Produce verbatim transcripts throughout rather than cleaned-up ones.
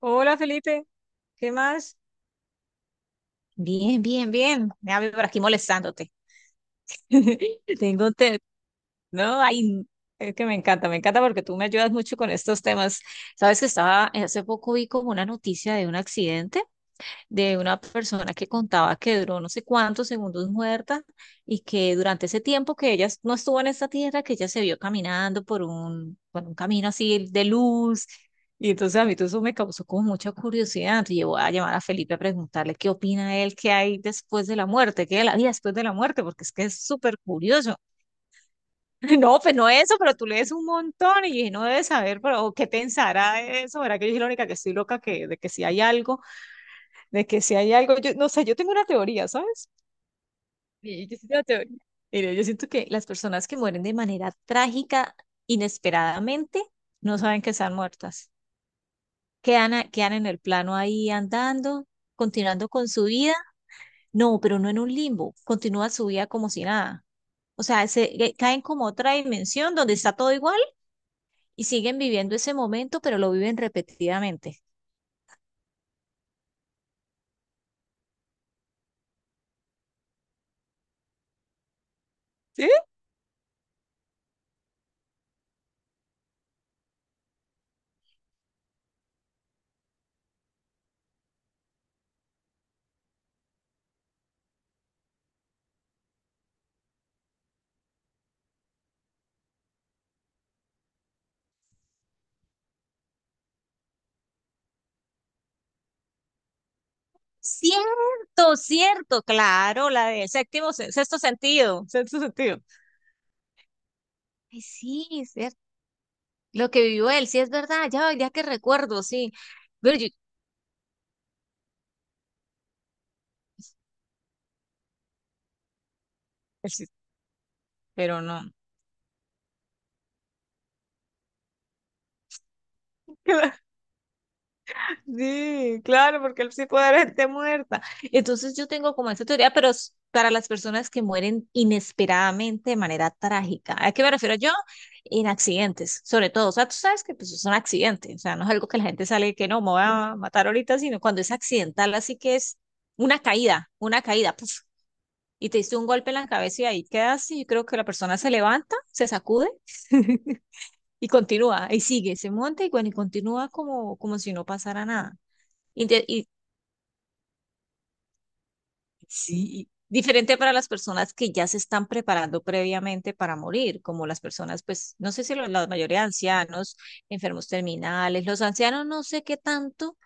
Hola Felipe, ¿qué más? Bien, bien, bien. Déjame por aquí molestándote. Tengo un te- No, ay, es que me encanta, me encanta porque tú me ayudas mucho con estos temas. Sabes que estaba, hace poco vi como una noticia de un accidente, de una persona que contaba que duró no sé cuántos segundos muerta y que durante ese tiempo que ella no estuvo en esta tierra, que ella se vio caminando por un, por un camino así de luz. Y entonces a mí todo eso me causó como mucha curiosidad. Entonces yo voy a llamar a Felipe a preguntarle qué opina él, qué hay después de la muerte, qué es la vida después de la muerte, porque es que es súper curioso. No, pues no eso, pero tú lees un montón y dije, no debes saber, pero ¿qué pensará de eso? ¿Verdad que yo soy la única que estoy loca que, de que si hay algo? De que si hay algo, yo no sé, yo tengo una teoría, ¿sabes? Sí, yo sí tengo teoría. Mira, yo siento que las personas que mueren de manera trágica, inesperadamente, no saben que están muertas. Quedan, a- quedan en el plano ahí andando, continuando con su vida. No, pero no en un limbo, continúa su vida como si nada. O sea, se, eh, caen como a otra dimensión donde está todo igual y siguen viviendo ese momento, pero lo viven repetidamente. ¿Sí? Cierto, cierto, claro, la del séptimo, se- sexto sentido, sexto sentido. Ay, sí, es cierto. Lo que vivió él, sí es verdad, ya, ya que recuerdo, sí. Pero yo, el sí, pero no. Sí, claro, porque él sí puede haber gente muerta. Entonces yo tengo como esa teoría, pero es para las personas que mueren inesperadamente de manera trágica. ¿A qué me refiero yo? En accidentes, sobre todo. O sea, tú sabes que pues, es un accidente. O sea, no es algo que la gente sale que no, me voy a matar ahorita, sino cuando es accidental, así que es una caída, una caída, puf, y te diste un golpe en la cabeza y ahí quedas. Y yo creo que la persona se levanta, se sacude y continúa, y sigue, se monta y bueno, y continúa como, como si no pasara nada. Inte- Y, Sí, diferente para las personas que ya se están preparando previamente para morir, como las personas, pues, no sé si lo- la mayoría de ancianos, enfermos terminales, los ancianos no sé qué tanto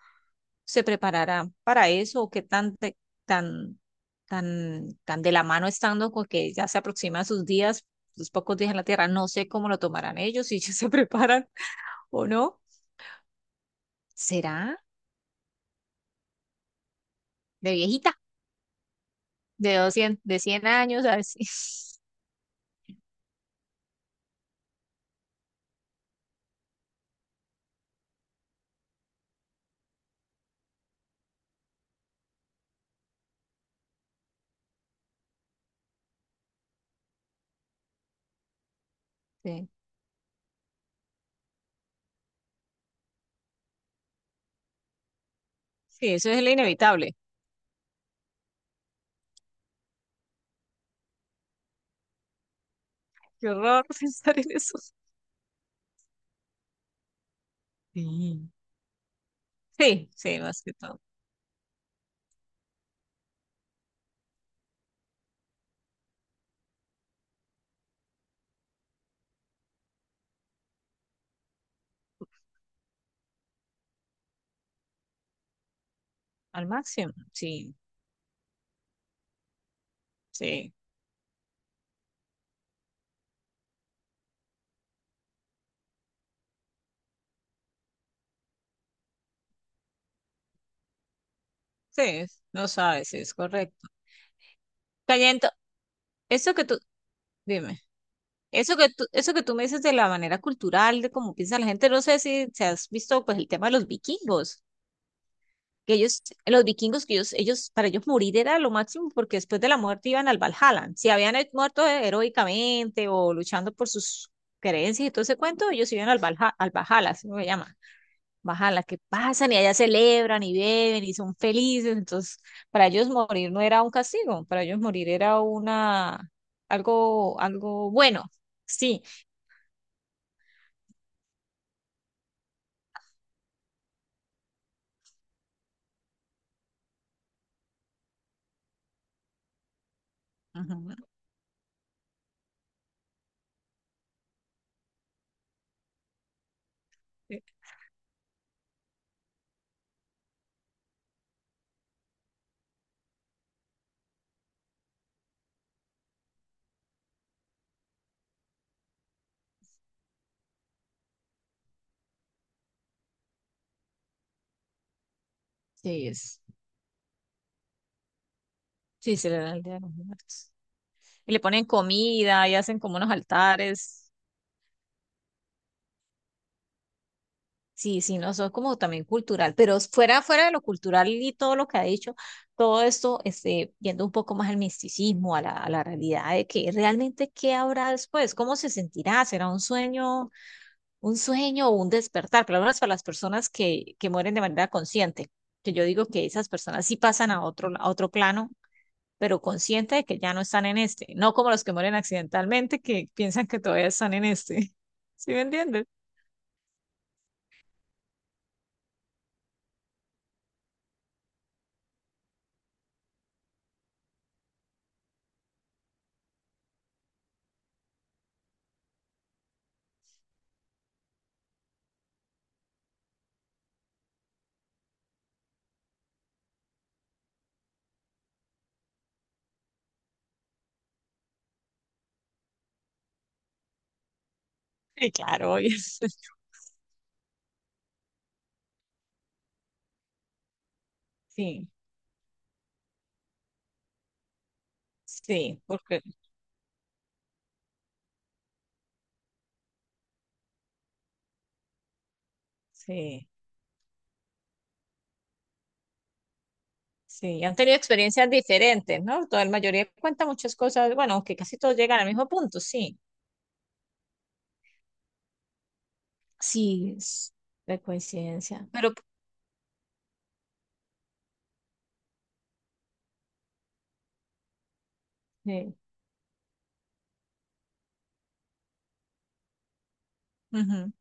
se prepararán para eso o qué tan, te- tan, tan, tan de la mano estando con que ya se aproximan sus días, sus pocos días en la tierra, no sé cómo lo tomarán ellos, si ellos se preparan o no. ¿Será de viejita? De doscientos, de cien años, a ver si. Sí. Sí, eso es lo inevitable. Qué horror pensar en eso. Sí. Sí, sí, más que todo. Al máximo. Sí, sí, sí. No sabes, es correcto. Cayendo, eso que tú, dime. Eso que tú, eso que tú me dices de la manera cultural, de cómo piensa la gente, no sé si se has visto pues el tema de los vikingos, que ellos, los vikingos, que ellos, ellos, para ellos morir era lo máximo porque después de la muerte iban al Valhalla. Si habían he- muerto heroicamente o luchando por sus creencias y todo ese cuento, ellos iban al Valhalla, al Valhalla, así lo llaman. Valhalla, que pasan y allá celebran y beben y son felices. Entonces, para ellos morir no era un castigo, para ellos morir era una, algo, algo bueno. Sí. Ujú. Sí, sí, es, sí, se le da el Día de los Muertos. Y le ponen comida y hacen como unos altares. Sí, sí, no, eso es como también cultural, pero fuera, fuera de lo cultural y todo lo que ha dicho, todo esto, este, viendo un poco más al misticismo, a la, a la, realidad de que realmente qué habrá después, cómo se sentirá, será un sueño, un sueño o un despertar, por lo menos para las personas que, que, mueren de manera consciente, que yo digo que esas personas sí pasan a otro, a otro plano, pero consciente de que ya no están en este, no como los que mueren accidentalmente que piensan que todavía están en este. ¿Sí me entiendes? Sí, claro, obvio. Sí, sí, porque sí, sí, han tenido experiencias diferentes, ¿no? Toda la mayoría cuenta muchas cosas, bueno, aunque casi todos llegan al mismo punto, sí, sí, es de coincidencia, pero sí, ujú,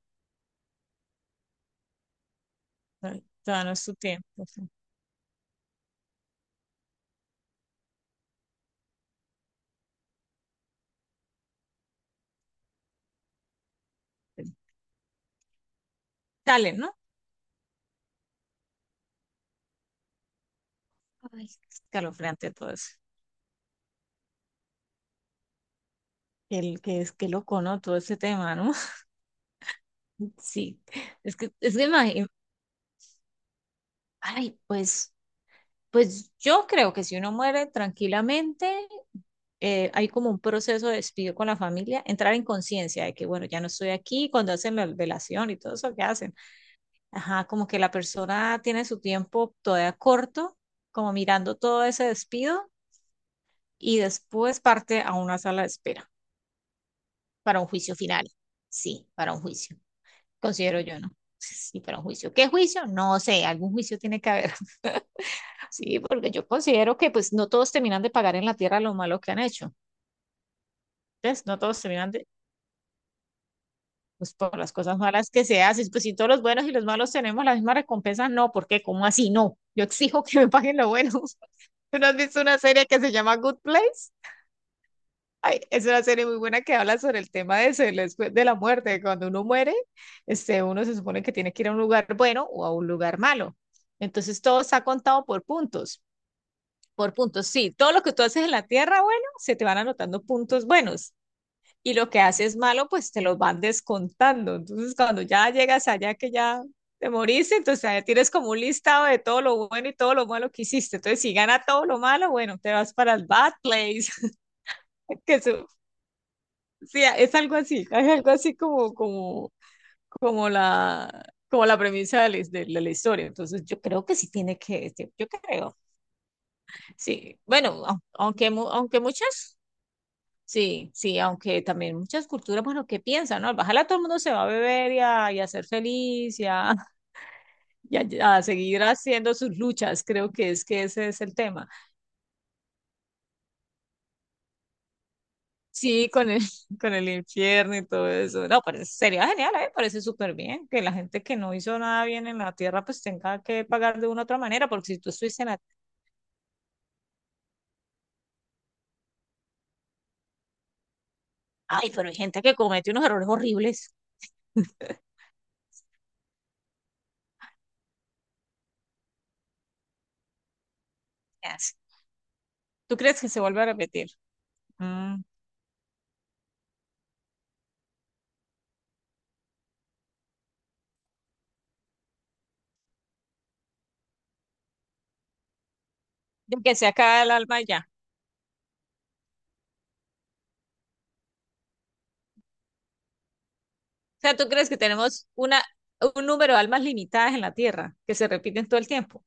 ay, todavía no es su tiempo. Sí. Sí. Dale, ¿no? Ay, escalofriante todo eso. Qué, qué, qué loco, ¿no? Todo ese tema, ¿no? Sí, es que, es que imagi- ay, pues, pues yo creo que si uno muere tranquilamente, eh, hay como un proceso de despido con la familia, entrar en conciencia de que, bueno, ya no estoy aquí, cuando hacen la velación y todo eso que hacen, ajá, como que la persona tiene su tiempo todavía corto, como mirando todo ese despido, y después parte a una sala de espera para un juicio final. Sí, para un juicio, considero yo, ¿no? Sí, para un juicio. ¿Qué juicio? No sé, algún juicio tiene que haber. Sí, porque yo considero que pues no todos terminan de pagar en la tierra lo malo que han hecho. Entonces, no todos terminan de, pues por las cosas malas que se hacen. Pues si todos los buenos y los malos tenemos la misma recompensa, no, ¿por qué? ¿Cómo así? No, yo exijo que me paguen lo bueno. ¿Tú no has visto una serie que se llama Good Place? Ay, es una serie muy buena que habla sobre el tema de, eso, del después de la muerte. Cuando uno muere, este, uno se supone que tiene que ir a un lugar bueno o a un lugar malo. Entonces, todo está contado por puntos. Por puntos, sí. Todo lo que tú haces en la tierra, bueno, se te van anotando puntos buenos. Y lo que haces malo, pues te los van descontando. Entonces, cuando ya llegas allá que ya te moriste, entonces ahí tienes como un listado de todo lo bueno y todo lo malo que hiciste. Entonces, si gana todo lo malo, bueno, te vas para el Bad Place. Que eso- sí, es algo así, es algo así como, como, como la, como la premisa de la, de la- la historia. Entonces, yo creo que sí tiene que, yo creo. Sí, bueno, au- aunque, mu- aunque muchas. Sí, sí, aunque también muchas culturas, bueno, ¿qué piensan, no? Al bajarla todo el mundo se va a beber y a, y a, ser feliz y, a, y a- a seguir haciendo sus luchas, creo que es que ese es el tema. Sí, con el, con el infierno y todo eso. No, parece, sería genial, ¿eh? Parece súper bien que la gente que no hizo nada bien en la tierra pues tenga que pagar de una u otra manera, porque si tú estuviste en la... Ay, pero hay gente que comete unos errores horribles. ¿Qué hace? ¿Tú crees que se vuelve a repetir? Mm, de que se acaba el alma y ya. Sea, ¿tú crees que tenemos una, un número de almas limitadas en la Tierra que se repiten todo el tiempo?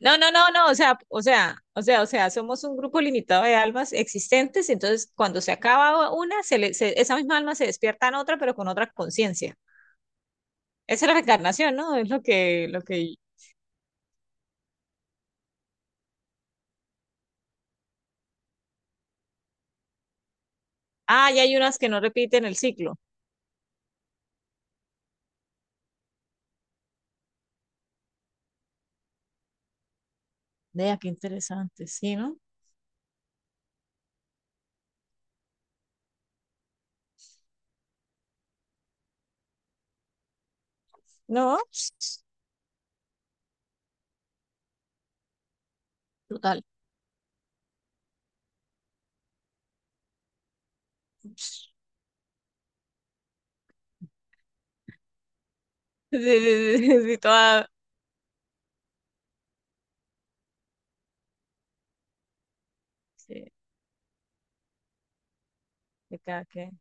No, no, no, no, o sea, o sea, o sea, o sea, somos un grupo limitado de almas existentes, entonces cuando se acaba una, se le- se- esa misma alma se despierta en otra, pero con otra conciencia. Esa es la reencarnación, ¿no? Es lo que, lo que... Ah, y hay unas que no repiten el ciclo. Vea, qué interesante, ¿sí, no? No, total. Sí, sí, sí, sí, toda... sí, de cada quien.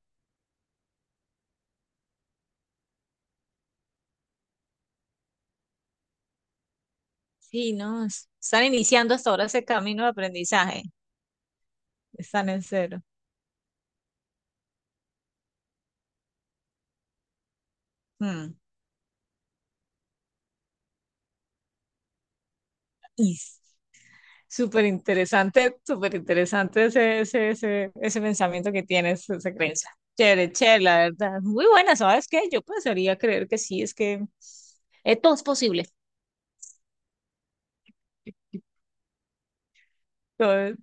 Sí, no, es- están iniciando hasta ahora ese camino de aprendizaje. Están en cero. Mm. Y s- Súper interesante, súper interesante ese, ese, ese, ese pensamiento que tienes, esa creencia. Chévere, chévere, la verdad. Muy buena, ¿sabes qué? Yo pensaría creer que sí, es que eh, todo es posible. Todo es-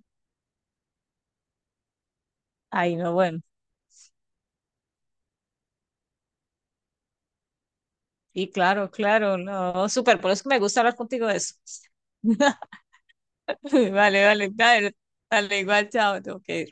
Ay, no, bueno. Y claro, claro, no, súper, por eso que me gusta hablar contigo de eso. Vale, vale, dale, dale, igual, chao, tengo que